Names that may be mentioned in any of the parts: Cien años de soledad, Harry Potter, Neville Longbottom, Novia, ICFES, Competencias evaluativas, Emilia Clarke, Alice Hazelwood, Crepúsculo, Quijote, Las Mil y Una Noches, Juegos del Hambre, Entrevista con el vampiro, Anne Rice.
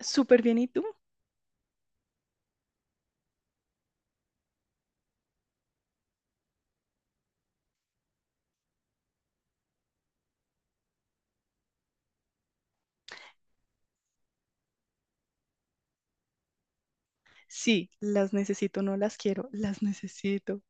Súper bien, ¿y tú? Sí, las necesito, no las quiero, las necesito.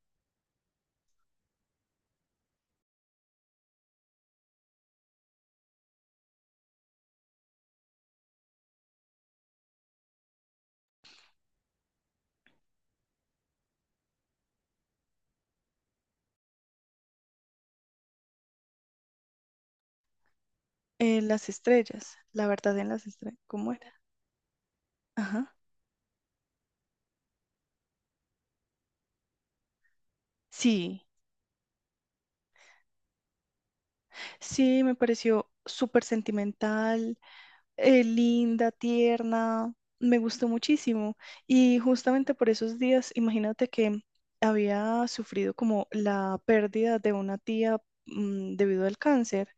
Las estrellas, la verdad en las estrellas, ¿cómo era? Ajá. Sí, sí, me pareció súper sentimental, linda, tierna, me gustó muchísimo. Y justamente por esos días, imagínate que había sufrido como la pérdida de una tía, debido al cáncer.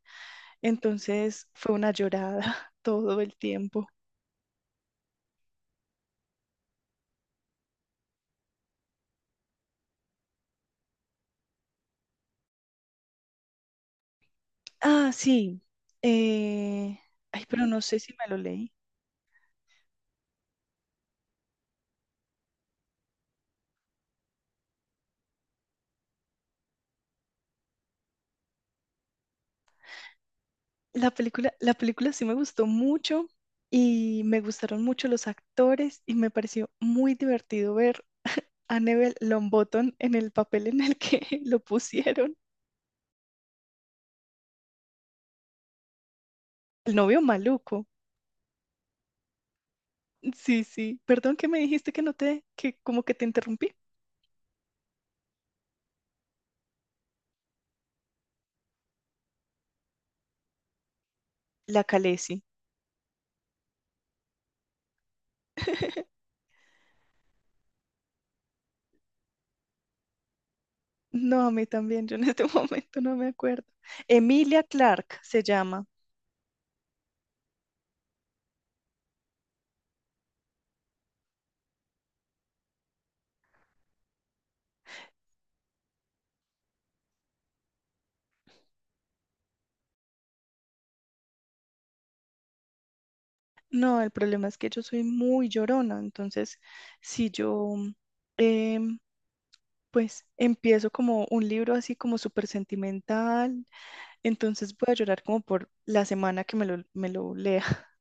Entonces fue una llorada todo el tiempo. Ah, sí. eh, Ay, pero no sé si me lo leí. La película sí me gustó mucho y me gustaron mucho los actores y me pareció muy divertido ver a Neville Longbottom en el papel en el que lo pusieron. El novio maluco. Sí, sí. Perdón que me dijiste que no te, que como que te interrumpí. La Khaleesi. No, a mí también, yo en este momento no me acuerdo. Emilia Clarke se llama. No, el problema es que yo soy muy llorona, entonces si yo em, pues empiezo como un libro así como súper sentimental, entonces voy a llorar como por la semana que me lo lea.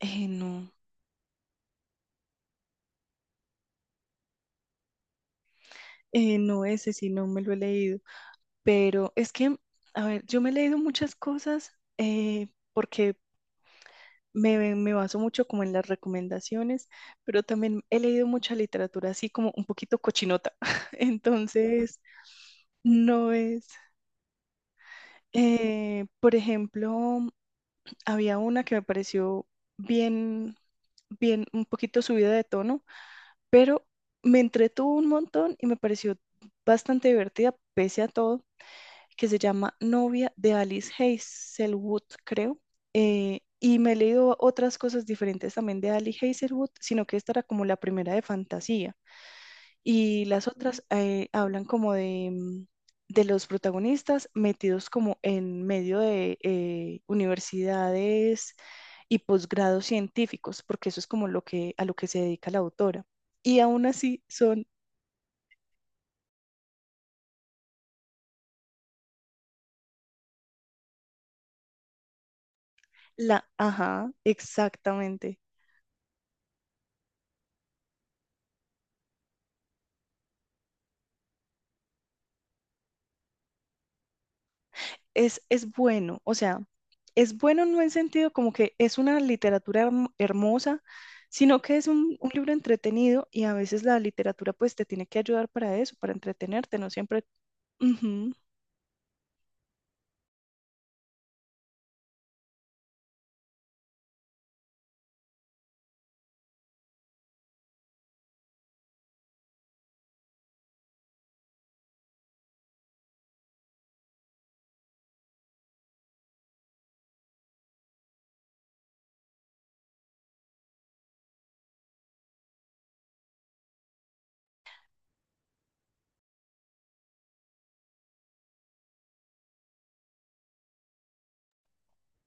No, no ese sí, no me lo he leído, pero es que, a ver, yo me he leído muchas cosas, eh, porque me baso mucho como en las recomendaciones, pero también he leído mucha literatura así como un poquito cochinota, entonces... No es. Por ejemplo, había una que me pareció bien, bien, un poquito subida de tono, pero me entretuvo un montón y me pareció bastante divertida, pese a todo, que se llama Novia de Alice Hazelwood, creo. Y me he leído otras cosas diferentes también de Alice Hazelwood, sino que esta era como la primera de fantasía. Y las otras hablan como de los protagonistas metidos como en medio de universidades y posgrados científicos, porque eso es como a lo que se dedica la autora. Y aún así son la, ajá, exactamente. Es bueno, o sea, es bueno no en sentido como que es una literatura hermosa, sino que es un libro entretenido y a veces la literatura pues te tiene que ayudar para eso, para entretenerte, no siempre. Ujú.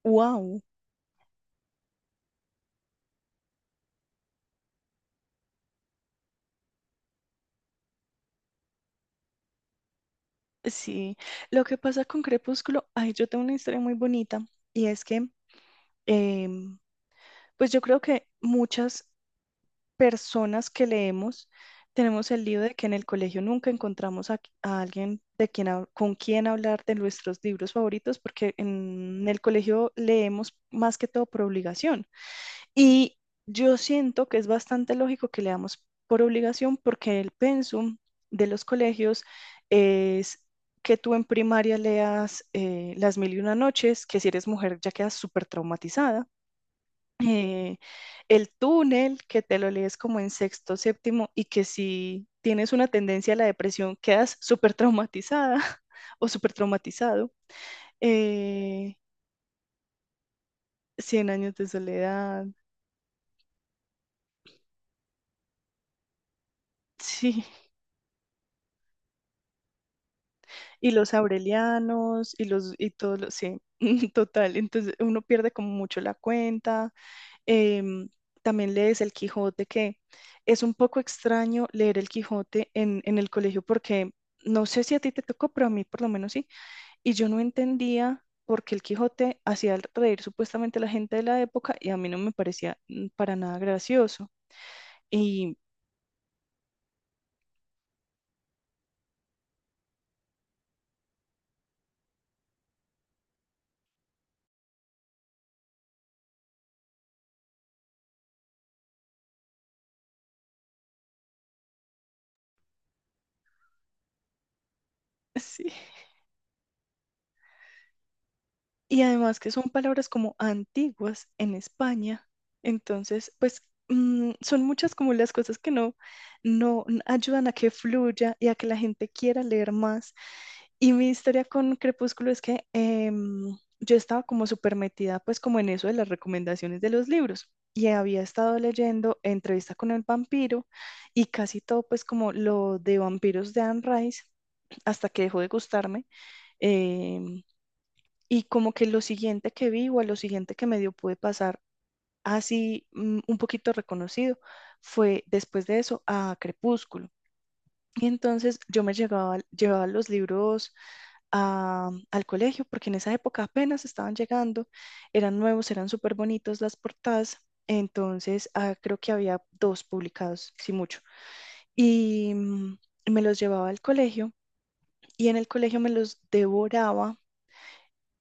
Wow. Sí, lo que pasa con Crepúsculo, ay, yo tengo una historia muy bonita y es que em, pues yo creo que muchas personas que leemos tenemos el lío de que en el colegio nunca encontramos a alguien con quien hablar de nuestros libros favoritos porque en el colegio leemos más que todo por obligación. Y yo siento que es bastante lógico que leamos por obligación porque el pensum de los colegios es que tú en primaria leas Las Mil y Una Noches, que si eres mujer ya quedas súper traumatizada. eh, el túnel, que te lo lees como en sexto, séptimo, y que si tienes una tendencia a la depresión, quedas súper traumatizada o súper traumatizado. eh, Cien años de soledad, sí, y los aurelianos y todos los, sí, total. Entonces uno pierde como mucho la cuenta. Em, También lees el Quijote, que es un poco extraño leer el Quijote en el colegio porque no sé si a ti te tocó, pero a mí por lo menos sí. Y yo no entendía por qué el Quijote hacía reír supuestamente a la gente de la época y a mí no me parecía para nada gracioso. Y sí. Y además que son palabras como antiguas en España. Entonces, pues son muchas como las cosas que no ayudan a que fluya y a que la gente quiera leer más. Y mi historia con Crepúsculo es que yo estaba como súper metida pues como en eso de las recomendaciones de los libros. Y había estado leyendo Entrevista con el vampiro y casi todo pues como lo de vampiros de Anne Rice hasta que dejó de gustarme. em, y como que lo siguiente que vi o a lo siguiente que medio pude pasar así un poquito reconocido fue después de eso a Crepúsculo. Y entonces yo me llevaba los libros al colegio porque en esa época apenas estaban llegando, eran nuevos, eran súper bonitos las portadas. Entonces creo que había dos publicados, si mucho. Y me los llevaba al colegio y en el colegio me los devoraba.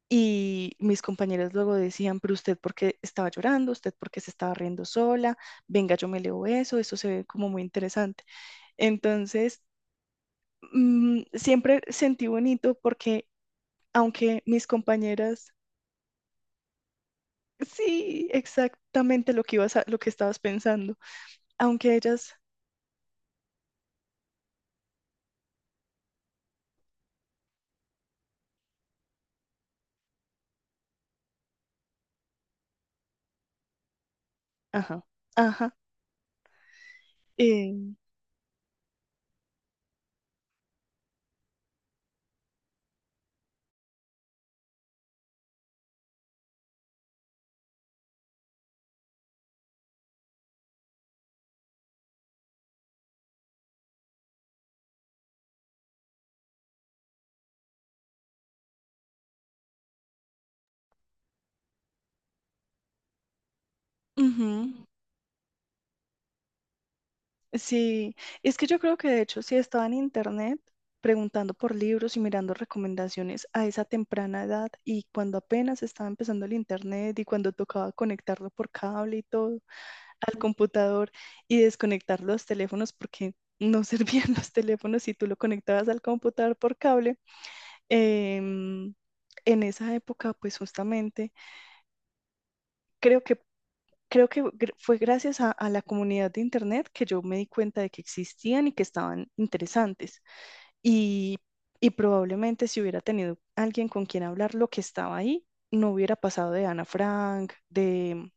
Y mis compañeras luego decían, pero usted por qué estaba llorando, usted por qué se estaba riendo sola, venga, yo me leo eso, eso se ve como muy interesante. Entonces, siempre sentí bonito porque aunque mis compañeras, sí, exactamente lo que lo que estabas pensando, aunque ellas, ajá, ajá, eh, ujú. Sí, es que yo creo que de hecho sí estaba en internet preguntando por libros y mirando recomendaciones a esa temprana edad y cuando apenas estaba empezando el internet y cuando tocaba conectarlo por cable y todo al computador y desconectar los teléfonos porque no servían los teléfonos si tú lo conectabas al computador por cable. em, en esa época, pues justamente, creo que creo que fue gracias a la comunidad de Internet que yo me di cuenta de que existían y que estaban interesantes. Y, y probablemente si hubiera tenido alguien con quien hablar lo que estaba ahí, no hubiera pasado de Ana Frank, de,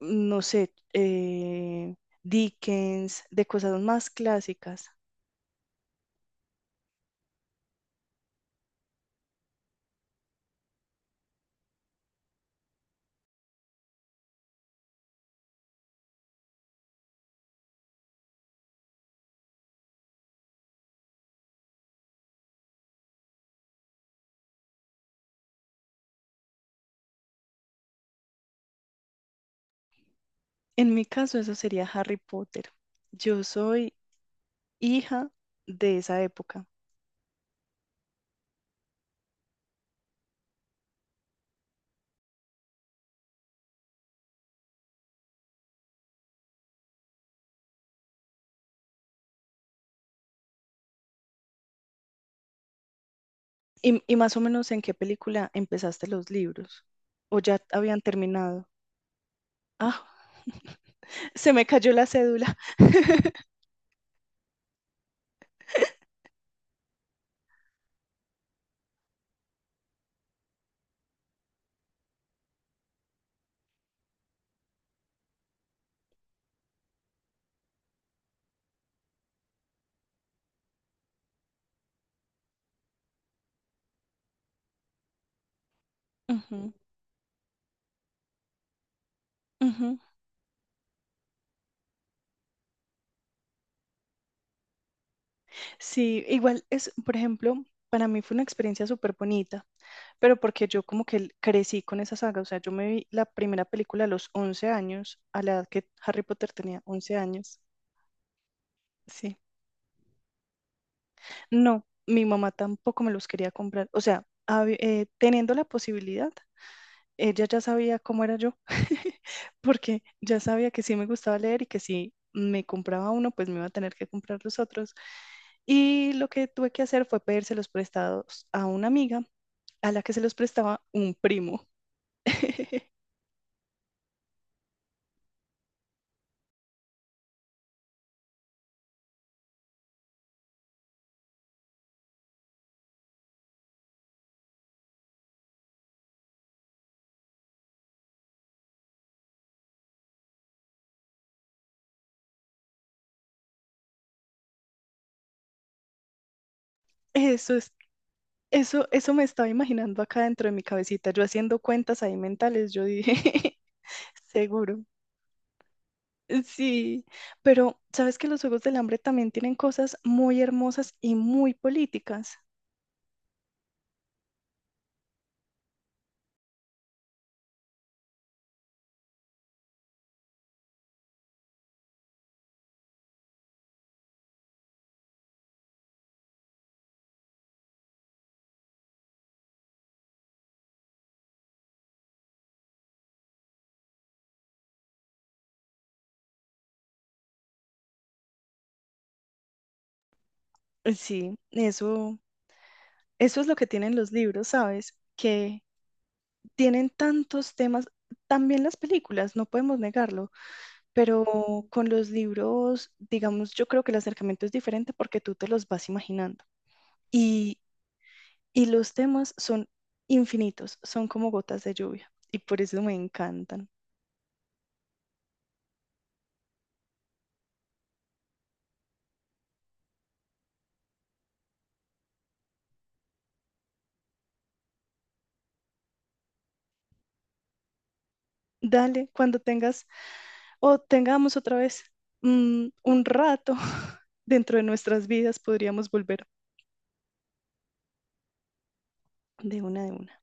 no sé, Dickens, de cosas más clásicas. En mi caso, eso sería Harry Potter. Yo soy hija de esa época. Y más o menos en qué película empezaste los libros o ya habían terminado. Ah, se me cayó la cédula. Ujú, ujú. Sí, igual es, por ejemplo, para mí fue una experiencia súper bonita, pero porque yo como que crecí con esa saga, o sea, yo me vi la primera película a los 11 años, a la edad que Harry Potter tenía 11 años. Sí, no, mi mamá tampoco me los quería comprar, o sea, teniendo la posibilidad, ella ya sabía cómo era yo, porque ya sabía que sí me gustaba leer y que si me compraba uno, pues me iba a tener que comprar los otros. Y lo que tuve que hacer fue pedírselos prestados a una amiga a la que se los prestaba un primo. Eso es, eso me estaba imaginando acá dentro de mi cabecita, yo haciendo cuentas ahí mentales, yo dije, seguro. Sí, pero sabes que los Juegos del Hambre también tienen cosas muy hermosas y muy políticas. Sí, eso, es lo que tienen los libros, ¿sabes? Que tienen tantos temas, también las películas, no podemos negarlo, pero con los libros, digamos, yo creo que el acercamiento es diferente porque tú te los vas imaginando. Y, y los temas son infinitos, son como gotas de lluvia, y por eso me encantan. Dale, cuando tengas o tengamos otra vez un rato dentro de nuestras vidas, podríamos volver de una de una.